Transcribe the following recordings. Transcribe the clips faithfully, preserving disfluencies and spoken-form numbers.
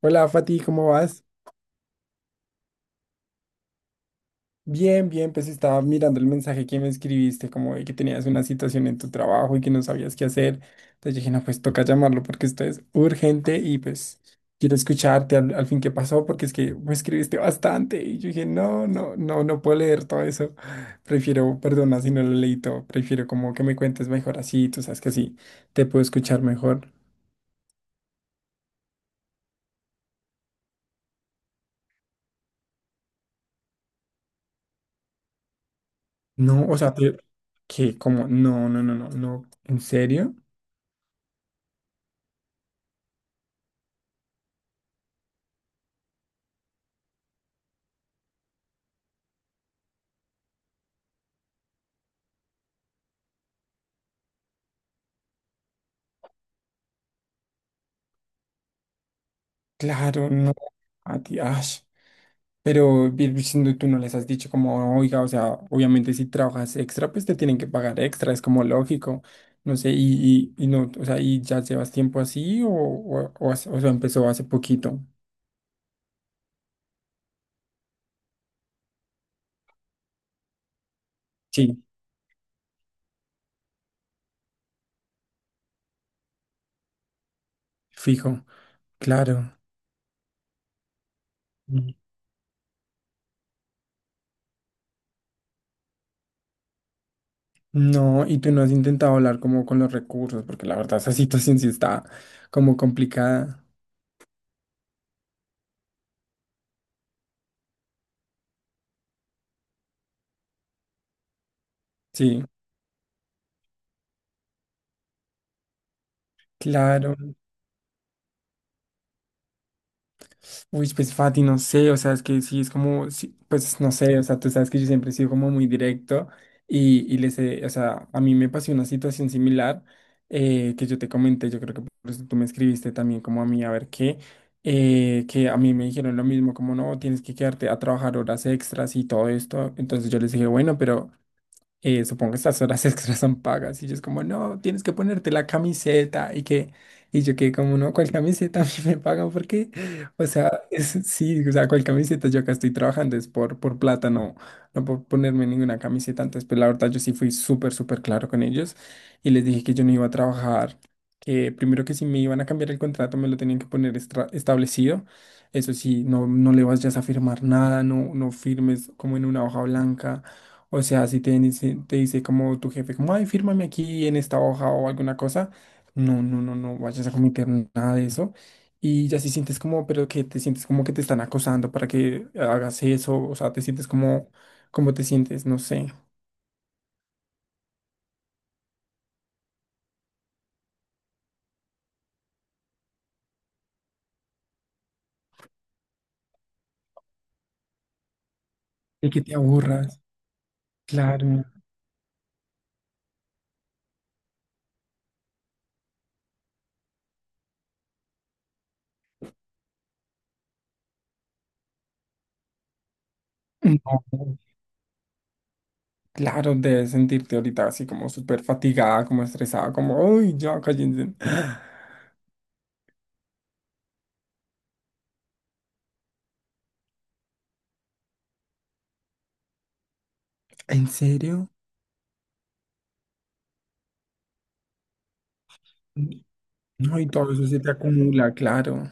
Hola Fati, ¿cómo vas? Bien, bien, pues estaba mirando el mensaje que me escribiste, como de que tenías una situación en tu trabajo y que no sabías qué hacer. Entonces dije, no, pues toca llamarlo porque esto es urgente y pues quiero escucharte al, al fin qué pasó porque es que me escribiste bastante y yo dije, no, no, no, no puedo leer todo eso. Prefiero, perdona si no lo leí todo, prefiero como que me cuentes mejor así, tú sabes que así te puedo escuchar mejor. No, o sea, te- que como, no, no, no, no, no, ¿en serio? Claro, no. A ti, ash. Pero bien, pues, no- tú no les has dicho como, oiga, o sea, obviamente si trabajas extra, pues te tienen que pagar extra, es como lógico. No sé, y, y, y no, o sea, ¿y ya llevas tiempo así o, o, o hace- o sea, empezó hace poquito? Sí, fijo, claro. Mm. No, y tú no has intentado hablar como con los recursos, porque la verdad esa situación sí está como complicada. Sí, claro. Uy, pues Fati, no sé, o sea, es que sí, es como, sí, pues no sé, o sea, tú sabes que yo siempre he sido como muy directo y, y les he- o sea, a mí me pasó una situación similar eh, que yo te comenté, yo creo que por eso tú me escribiste también como a mí, a ver qué, eh, que a mí me dijeron lo mismo, como no, tienes que quedarte a trabajar horas extras y todo esto, entonces yo les dije, bueno, pero eh, supongo que estas horas extras son pagas. Y yo es como, no, tienes que ponerte la camiseta. Y que, y yo que como, no, ¿cuál camiseta a mí me pagan? Porque, o sea, es- sí, o sea, ¿cuál camiseta? Yo acá estoy trabajando, es por, por plata, no, no por ponerme ninguna camiseta. Antes, pero la verdad, yo sí fui súper, súper claro con ellos. Y les dije que yo no iba a trabajar, que primero que si me iban a cambiar el contrato, me lo tenían que poner estra- establecido. Eso sí, no, no le vayas a firmar nada, no, no firmes como en una hoja blanca, o sea, si te dice, te dice como tu jefe, como, ay, fírmame aquí en esta hoja o alguna cosa, no, no, no, no vayas a cometer nada de eso. Y ya si sientes como, pero que te sientes como que te están acosando para que hagas eso, o sea, te sientes como, como te sientes, no sé, y que te aburras, claro. No, claro, debes sentirte ahorita así como súper fatigada, como estresada, como, uy, ya cállense. ¿En serio? No, y todo eso se te acumula, claro.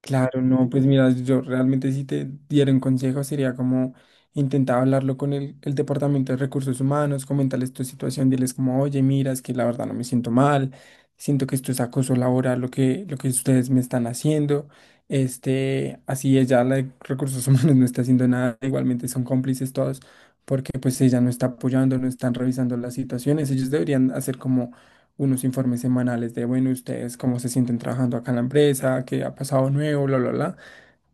Claro, no, pues mira, yo realmente si te diera un consejo sería como intentar hablarlo con el, el Departamento de Recursos Humanos, comentarles tu situación, diles como, oye, mira, es que la verdad no me siento mal, siento que esto es acoso laboral lo que, lo que ustedes me están haciendo, este, así ella, la de Recursos Humanos no está haciendo nada, igualmente son cómplices todos, porque pues ella no está apoyando, no están revisando las situaciones, ellos deberían hacer como unos informes semanales de, bueno, ustedes cómo se sienten trabajando acá en la empresa, qué ha pasado nuevo, bla, bla, bla,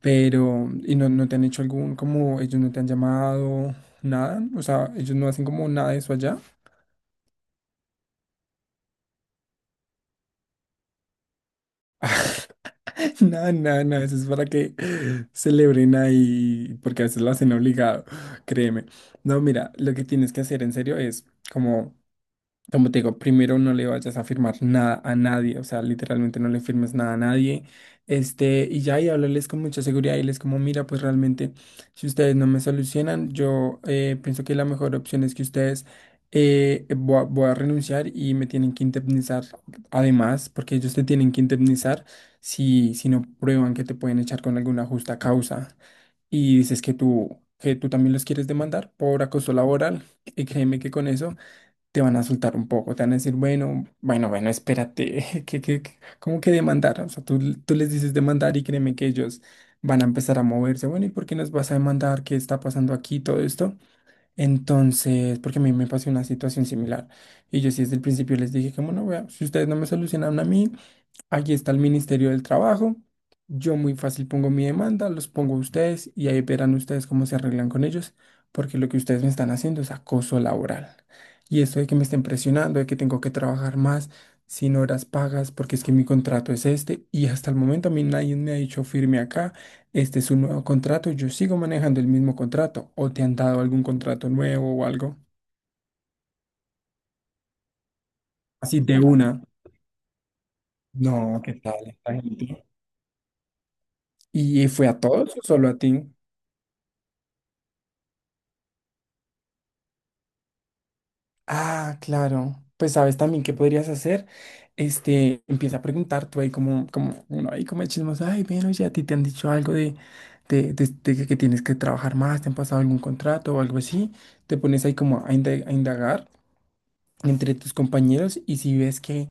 pero, y no, no te han hecho algún, como ellos no te han llamado, nada, o sea, ellos no hacen como nada de eso allá, nada, nada, nada, eso es para que celebren ahí, porque a veces lo hacen obligado, créeme. No, mira, lo que tienes que hacer en serio es como... Como te digo, primero no le vayas a firmar nada a nadie, o sea, literalmente no le firmes nada a nadie. Este, y ya, y hablarles con mucha seguridad y les como, mira, pues realmente, si ustedes no me solucionan, yo eh, pienso que la mejor opción es que ustedes eh, voy a, voy a renunciar y me tienen que indemnizar además, porque ellos te tienen que indemnizar si, si no prueban que te pueden echar con alguna justa causa. Y dices que tú, que tú también los quieres demandar por acoso laboral, y créeme que con eso te van a soltar un poco, te van a decir, bueno, bueno, bueno, espérate, que, que, que- ¿cómo que demandar? O sea, tú, tú les dices demandar y créeme que ellos van a empezar a moverse, bueno, ¿y por qué nos vas a demandar? ¿Qué está pasando aquí? Todo esto. Entonces, porque a mí me pasó una situación similar. Y yo sí desde el principio les dije, como no, vea, si ustedes no me solucionaron a mí, aquí está el Ministerio del Trabajo. Yo muy fácil pongo mi demanda, los pongo a ustedes y ahí verán ustedes cómo se arreglan con ellos, porque lo que ustedes me están haciendo es acoso laboral. Y esto de que me estén presionando, de que tengo que trabajar más, sin horas pagas, porque es que mi contrato es este y hasta el momento a mí nadie me ha dicho firme acá, este es un nuevo contrato, yo sigo manejando el mismo contrato o te han dado algún contrato nuevo o algo. Así de una. No, ¿qué tal esta gente? ¿Y fue a todos o solo a ti? Ah, claro. Pues sabes también qué podrías hacer. Este, empieza a preguntar tú ahí como, como uno ahí como de chismoso, ay, bueno, oye, a ti te han dicho algo de, de, de- de que que tienes que trabajar más, te han pasado algún contrato o algo así. Te pones ahí como a inda- a indagar entre tus compañeros y si ves que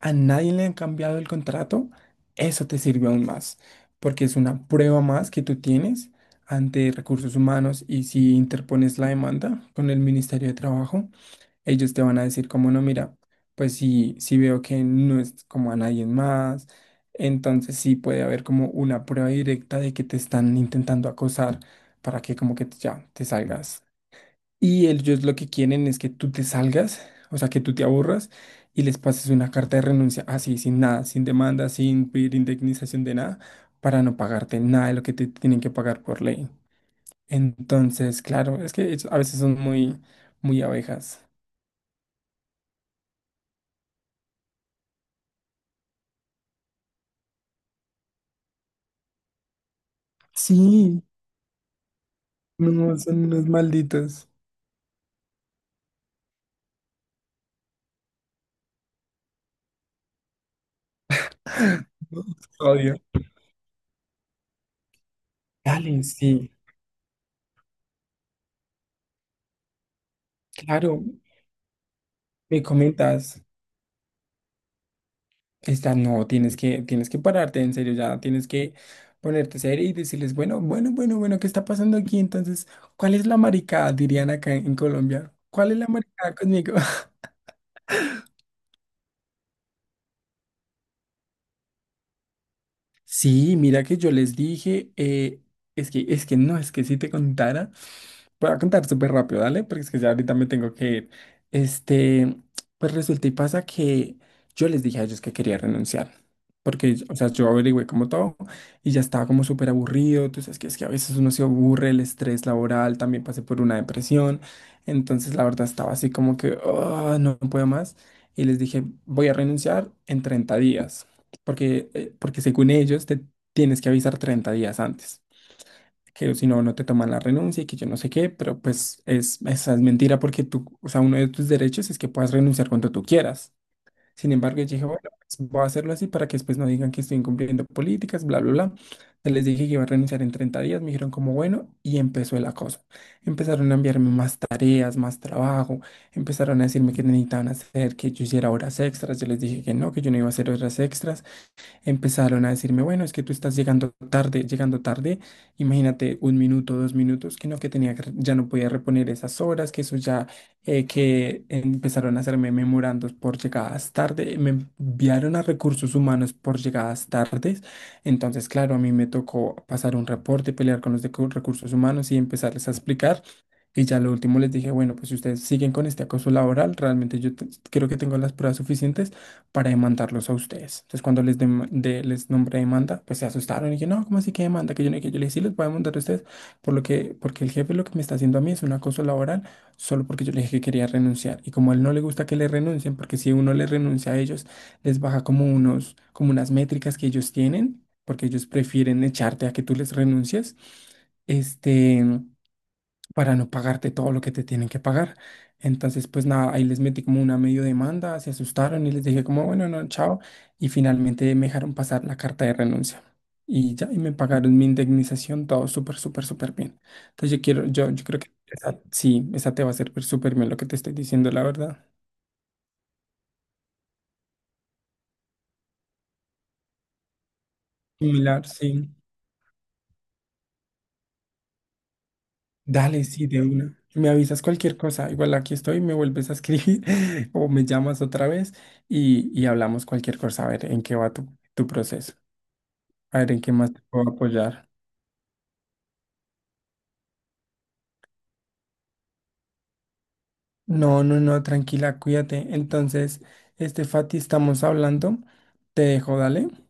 a nadie le han cambiado el contrato, eso te sirve aún más, porque es una prueba más que tú tienes ante recursos humanos y si interpones la demanda con el Ministerio de Trabajo ellos te van a decir como no, mira, pues sí, sí veo que no es como a nadie más, entonces sí puede haber como una prueba directa de que te están intentando acosar para que como que ya te salgas. Y ellos lo que quieren es que tú te salgas, o sea, que tú te aburras y les pases una carta de renuncia así, sin nada, sin demanda, sin pedir indemnización de nada, para no pagarte nada de lo que te tienen que pagar por ley. Entonces, claro, es que ellos a veces son muy, muy abejas. Sí. No, son unos malditos. No, los odio. Dale, sí, claro. Me comentas, esta no, tienes que, tienes que pararte, en serio, ya tienes que ponerte serio y decirles, bueno, bueno, bueno, bueno, ¿qué está pasando aquí? Entonces, ¿cuál es la maricada? Dirían acá en Colombia. ¿Cuál es la maricada conmigo? Sí, mira que yo les dije, eh, es que, es que no, es que si te contara. Voy a contar súper rápido, dale, porque es que ya ahorita me tengo que ir. Este, pues resulta y pasa que yo les dije a ellos que quería renunciar, porque, o sea, yo averigüé como todo y ya estaba como súper aburrido, tú sabes que es que a veces uno se aburre, el estrés laboral, también pasé por una depresión, entonces la verdad estaba así como que, "Ah, no puedo más, y les dije, voy a renunciar en treinta días, porque, eh, porque según ellos te tienes que avisar treinta días antes que si no, no te toman la renuncia y que yo no sé qué, pero pues es, esa es mentira porque tú, o sea, uno de tus derechos es que puedas renunciar cuando tú quieras. Sin embargo, yo dije, bueno, pues voy a hacerlo así para que después no digan que estoy incumpliendo políticas, bla, bla, bla. Entonces les dije que iba a renunciar en treinta días, me dijeron como bueno, y empezó el acoso. Empezaron a enviarme más tareas, más trabajo, empezaron a decirme que necesitaban hacer, que yo hiciera horas extras. Yo les dije que no, que yo no iba a hacer horas extras, empezaron a decirme, bueno, es que tú estás llegando tarde, llegando tarde, imagínate un minuto, dos minutos, que no, que tenía que, re- ya no podía reponer esas horas, que eso ya, eh, que empezaron a hacerme memorandos por llegadas tarde, me enviaron a recursos humanos por llegadas tardes, entonces, claro, a mí me tocó pasar un reporte, pelear con los de cu- recursos humanos y empezarles a explicar. Y ya lo último les dije, bueno, pues si ustedes siguen con este acoso laboral, realmente yo te- creo que tengo las pruebas suficientes para demandarlos a ustedes. Entonces, cuando les, dem- de- les nombré demanda, pues se asustaron y yo, no, ¿cómo así que demanda? Que yo no, que yo les dije, sí, les voy a demandar a ustedes, por lo que, porque el jefe lo que me está haciendo a mí es un acoso laboral, solo porque yo le dije que quería renunciar. Y como a él no le gusta que le renuncien, porque si uno le renuncia a ellos, les baja como unos, como unas métricas que ellos tienen, porque ellos prefieren echarte a que tú les renuncies. Este para no pagarte todo lo que te tienen que pagar. Entonces, pues nada, ahí les metí como una medio demanda, se asustaron y les dije como, bueno, no, chao. Y finalmente me dejaron pasar la carta de renuncia. Y ya, y me pagaron mi indemnización, todo súper, súper, súper bien. Entonces yo quiero, yo, yo creo que esa, sí, esa te va a servir súper bien lo que te estoy diciendo, la verdad. Similar, sí. Dale, sí, de una. Me avisas cualquier cosa. Igual aquí estoy, me vuelves a escribir o me llamas otra vez y, y hablamos cualquier cosa, a ver en qué va tu, tu proceso. A ver, ¿en qué más te puedo apoyar? No, no, no, tranquila, cuídate. Entonces, este Fati, estamos hablando. Te dejo, dale.